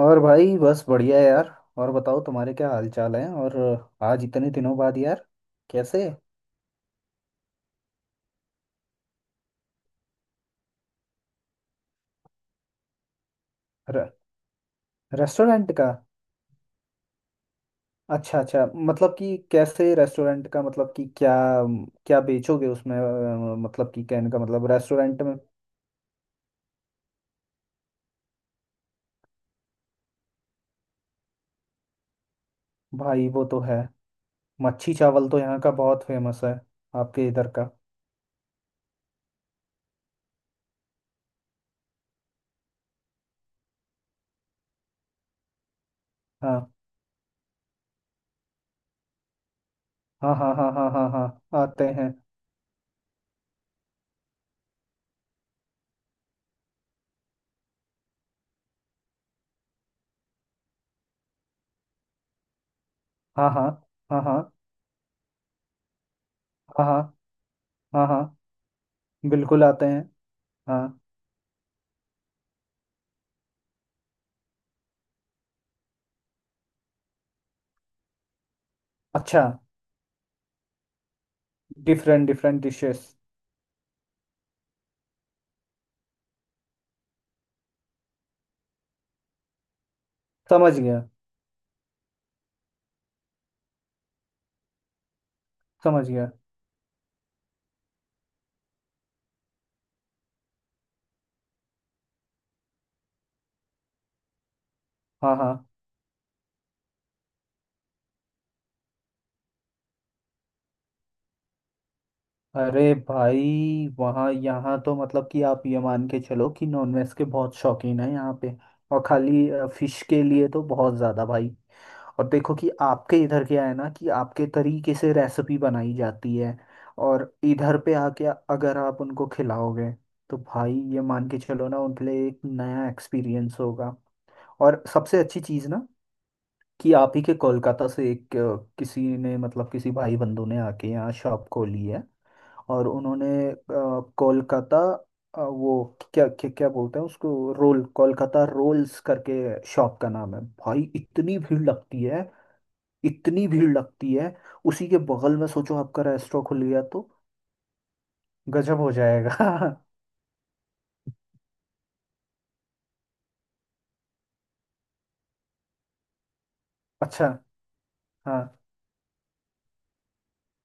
और भाई बस बढ़िया यार। और बताओ तुम्हारे क्या हाल चाल है और आज इतने दिनों बाद यार, कैसे। र, रेस्टोरेंट का। अच्छा अच्छा, मतलब कि कैसे रेस्टोरेंट का, मतलब कि क्या क्या बेचोगे उसमें। मतलब कि कहने का मतलब रेस्टोरेंट में। भाई वो तो है। मच्छी चावल तो यहाँ का बहुत फेमस है आपके इधर का। हाँ हाँ हाँ हाँ हाँ हाँ हाँ, आते हैं। हाँ हाँ हाँ हाँ हाँ हाँ हाँ हाँ, बिल्कुल आते हैं। हाँ। अच्छा। Different different dishes. समझ गया समझ गया। हाँ हाँ। अरे भाई वहाँ, यहाँ तो मतलब कि आप ये मान के चलो कि नॉनवेज के बहुत शौकीन है यहाँ पे। और खाली फिश के लिए तो बहुत ज़्यादा भाई। और देखो कि आपके इधर क्या है ना, कि आपके तरीके से रेसिपी बनाई जाती है। और इधर पे आके अगर आप उनको खिलाओगे तो भाई ये मान के चलो ना, उनके लिए एक नया एक्सपीरियंस होगा। और सबसे अच्छी चीज़ ना, कि आप ही के कोलकाता से एक, किसी ने, मतलब किसी भाई बंधु ने आके यहाँ शॉप खोली है। और उन्होंने कोलकाता, वो क्या क्या क्या बोलते हैं उसको, रोल, कोलकाता रोल्स करके शॉप का नाम है। भाई इतनी भीड़ लगती है, इतनी भीड़ लगती है। उसी के बगल में सोचो आपका रेस्टोरेंट खुल गया तो गजब हो जाएगा। अच्छा। हाँ।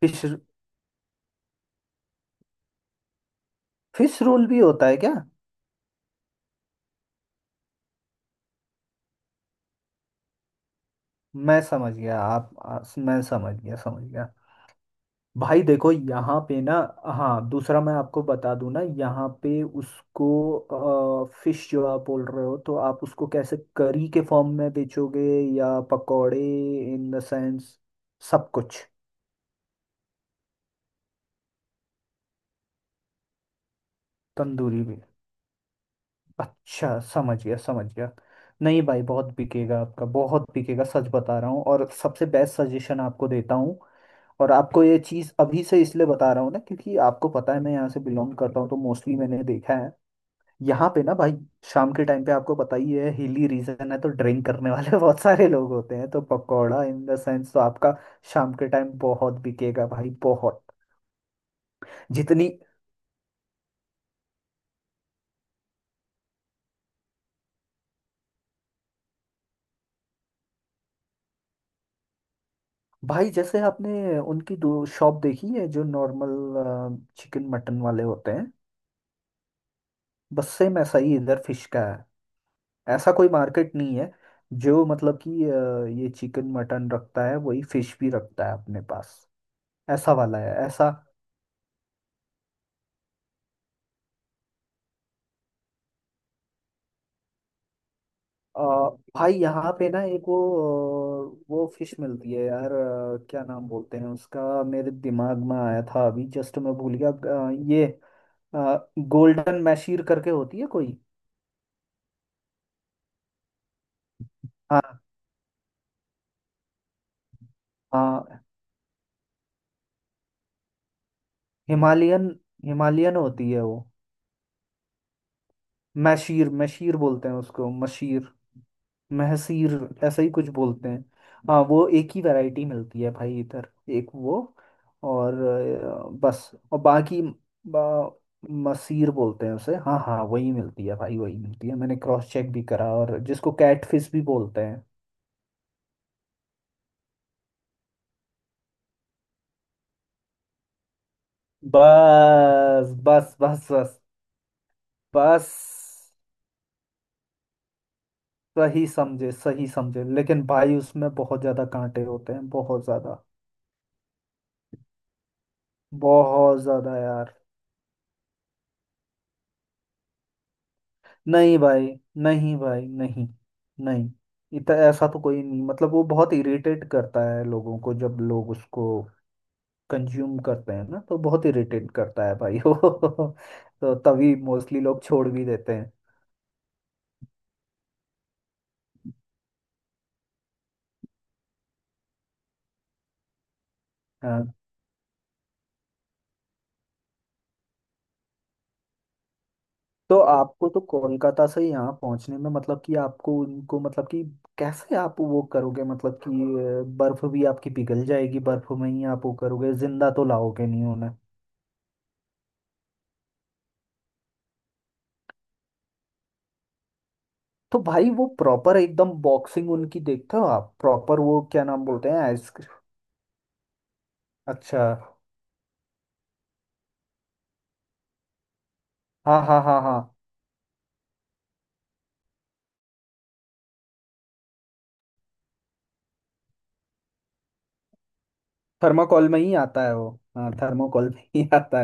फिश फिश रोल भी होता है क्या? मैं समझ गया आप, मैं समझ गया समझ गया। भाई देखो यहाँ पे ना। हाँ, दूसरा मैं आपको बता दूं ना, यहाँ पे उसको फिश जो आप बोल रहे हो, तो आप उसको कैसे करी के फॉर्म में बेचोगे, या पकौड़े, इन द सेंस? सब कुछ। तंदूरी भी। अच्छा समझ गया समझ गया। नहीं भाई, बहुत बिकेगा आपका, बहुत बिकेगा, सच बता रहा हूँ। और सबसे बेस्ट सजेशन आपको देता हूँ। और आपको ये चीज़ अभी से इसलिए बता रहा हूँ ना, क्योंकि आपको पता है मैं यहाँ से बिलोंग करता हूँ, तो मोस्टली मैंने देखा है यहाँ पे ना भाई। शाम के टाइम पे आपको पता ही है हिली रीजन है, तो ड्रिंक करने वाले बहुत सारे लोग होते हैं, तो पकौड़ा इन द सेंस तो आपका शाम के टाइम बहुत बिकेगा भाई, बहुत। जितनी। भाई जैसे आपने उनकी दो शॉप देखी है जो नॉर्मल चिकन मटन वाले होते हैं, बस सेम ऐसा ही इधर फिश का है। ऐसा कोई मार्केट नहीं है जो मतलब कि ये चिकन मटन रखता है वही फिश भी रखता है अपने पास, ऐसा वाला है ऐसा। अ, भाई यहाँ पे ना एक वो, वो फिश मिलती है यार, क्या नाम बोलते हैं उसका, मेरे दिमाग में आया था अभी जस्ट मैं भूल गया। ये गोल्डन मैशीर करके होती है कोई। हाँ हाँ। हिमालयन, हिमालयन होती है वो। मैशीर मैशीर बोलते हैं उसको, मशीर, महसीर, ऐसा ही कुछ बोलते हैं। हाँ, वो एक ही वैरायटी मिलती है भाई इधर, एक वो। और बस और बाकी बा, मसीर बोलते हैं उसे। हाँ हाँ, वही मिलती है भाई, वही मिलती है, मैंने क्रॉस चेक भी करा, और जिसको कैटफिश भी बोलते हैं। बस बस बस बस बस। सही समझे सही समझे, लेकिन भाई उसमें बहुत ज्यादा कांटे होते हैं, बहुत ज्यादा। बहुत ज्यादा यार। नहीं भाई, नहीं भाई, नहीं, नहीं। इतना ऐसा तो कोई नहीं, मतलब वो बहुत इरिटेट करता है लोगों को, जब लोग उसको कंज्यूम करते हैं ना, तो बहुत इरिटेट करता है भाई वो। तो तभी मोस्टली लोग छोड़ भी देते हैं। हाँ, तो आपको तो कोलकाता से यहाँ पहुँचने में, मतलब कि आपको उनको मतलब कि कैसे आप वो करोगे, मतलब कि बर्फ भी आपकी पिघल जाएगी, बर्फ में ही आप वो करोगे, जिंदा तो लाओगे नहीं। तो भाई वो प्रॉपर एकदम बॉक्सिंग उनकी देखते हो आप, प्रॉपर वो क्या नाम बोलते हैं, आइस। अच्छा। हाँ हाँ हाँ हाँ। थर्माकोल में ही आता है वो। हाँ, थर्माकोल में ही आता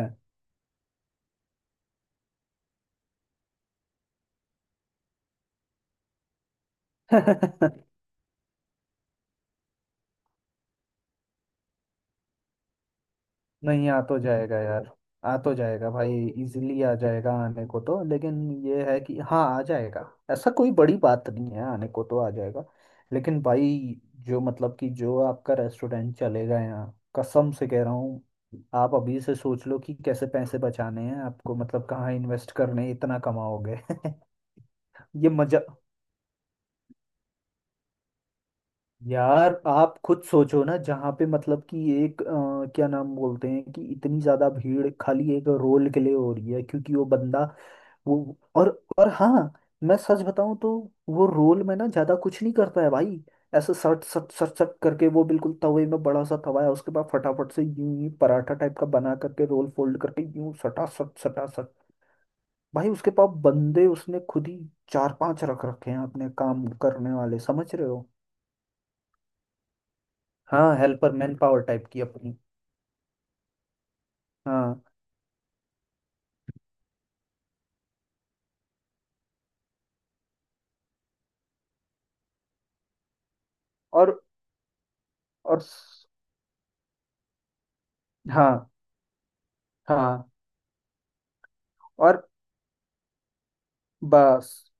है। नहीं, आ तो जाएगा यार। आ तो जाएगा भाई। इजीली आ जाएगा, आने को तो, लेकिन ये है कि हाँ आ जाएगा, ऐसा कोई बड़ी बात नहीं है, आने को तो आ जाएगा। लेकिन भाई जो मतलब कि जो आपका रेस्टोरेंट चलेगा यहाँ, कसम से कह रहा हूँ, आप अभी से सोच लो कि कैसे पैसे बचाने हैं आपको, मतलब कहाँ इन्वेस्ट करने हैं, इतना कमाओगे। ये मजा। यार आप खुद सोचो ना, जहाँ पे मतलब कि एक, क्या नाम बोलते हैं, कि इतनी ज्यादा भीड़ खाली एक रोल के लिए हो रही है, क्योंकि वो बंदा, वो, और हाँ, मैं सच बताऊं तो, वो रोल में ना ज्यादा कुछ नहीं करता है भाई। ऐसे सट सट सट सट करके वो बिल्कुल तवे में, बड़ा सा तवा है, उसके बाद फटाफट से यूं ही पराठा टाइप का बना करके रोल फोल्ड करके यूं सटा सट सटा सट। भाई उसके पास बंदे, उसने खुद ही चार पांच रख रखे हैं अपने काम करने वाले, समझ रहे हो? हाँ, हेल्पर मैन पावर टाइप की अपनी। हाँ। और और स- हाँ हाँ और बस।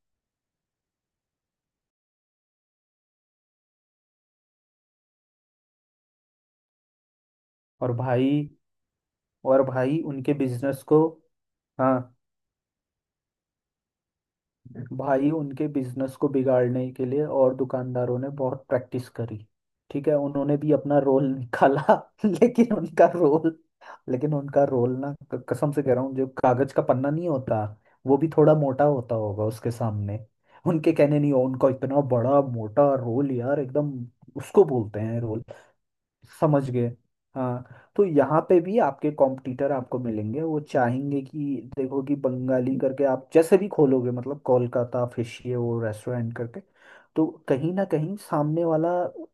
और भाई, और भाई उनके बिजनेस को, हाँ भाई उनके बिजनेस को बिगाड़ने के लिए और दुकानदारों ने बहुत प्रैक्टिस करी। ठीक है, उन्होंने भी अपना रोल निकाला। लेकिन उनका रोल, लेकिन उनका रोल ना, कसम से कह रहा हूँ, जो कागज का पन्ना नहीं होता, वो भी थोड़ा मोटा होता होगा उसके सामने। उनके कहने नहीं हो, उनका इतना बड़ा मोटा रोल यार, एकदम उसको बोलते हैं रोल। समझ गए। हाँ, तो यहाँ पे भी आपके कॉम्पिटिटर आपको मिलेंगे, वो चाहेंगे कि देखो कि बंगाली करके आप जैसे भी खोलोगे, मतलब कोलकाता फिश ये वो रेस्टोरेंट करके, तो कहीं ना कहीं सामने वाला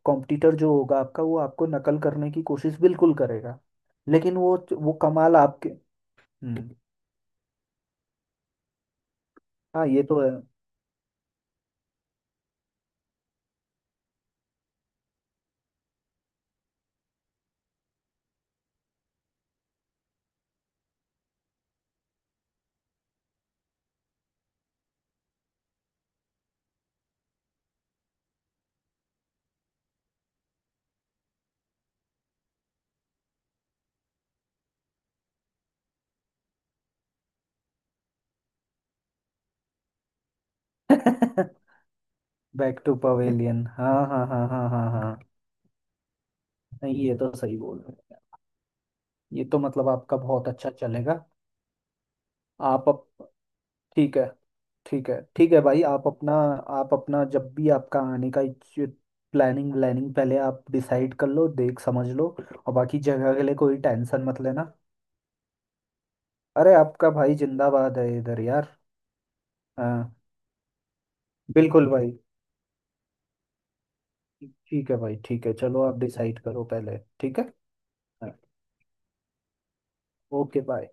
कॉम्पिटिटर जो होगा आपका, वो आपको नकल करने की कोशिश बिल्कुल करेगा, लेकिन वो कमाल आपके। हम्म। हाँ ये तो है। बैक टू पवेलियन, हाँ हाँ हाँ हाँ हाँ हाँ। नहीं, ये तो सही बोल रहे हैं, ये तो मतलब आपका बहुत अच्छा चलेगा। आप, ठीक है ठीक है, ठीक है भाई आप अपना, आप अपना जब भी आपका आने का प्लानिंग व्लानिंग पहले आप डिसाइड कर लो, देख समझ लो, और बाकी जगह के लिए कोई टेंशन मत लेना। अरे आपका भाई जिंदाबाद है इधर यार। हाँ, बिल्कुल भाई। ठीक है भाई ठीक है, चलो आप डिसाइड करो पहले, ठीक है। Okay bye.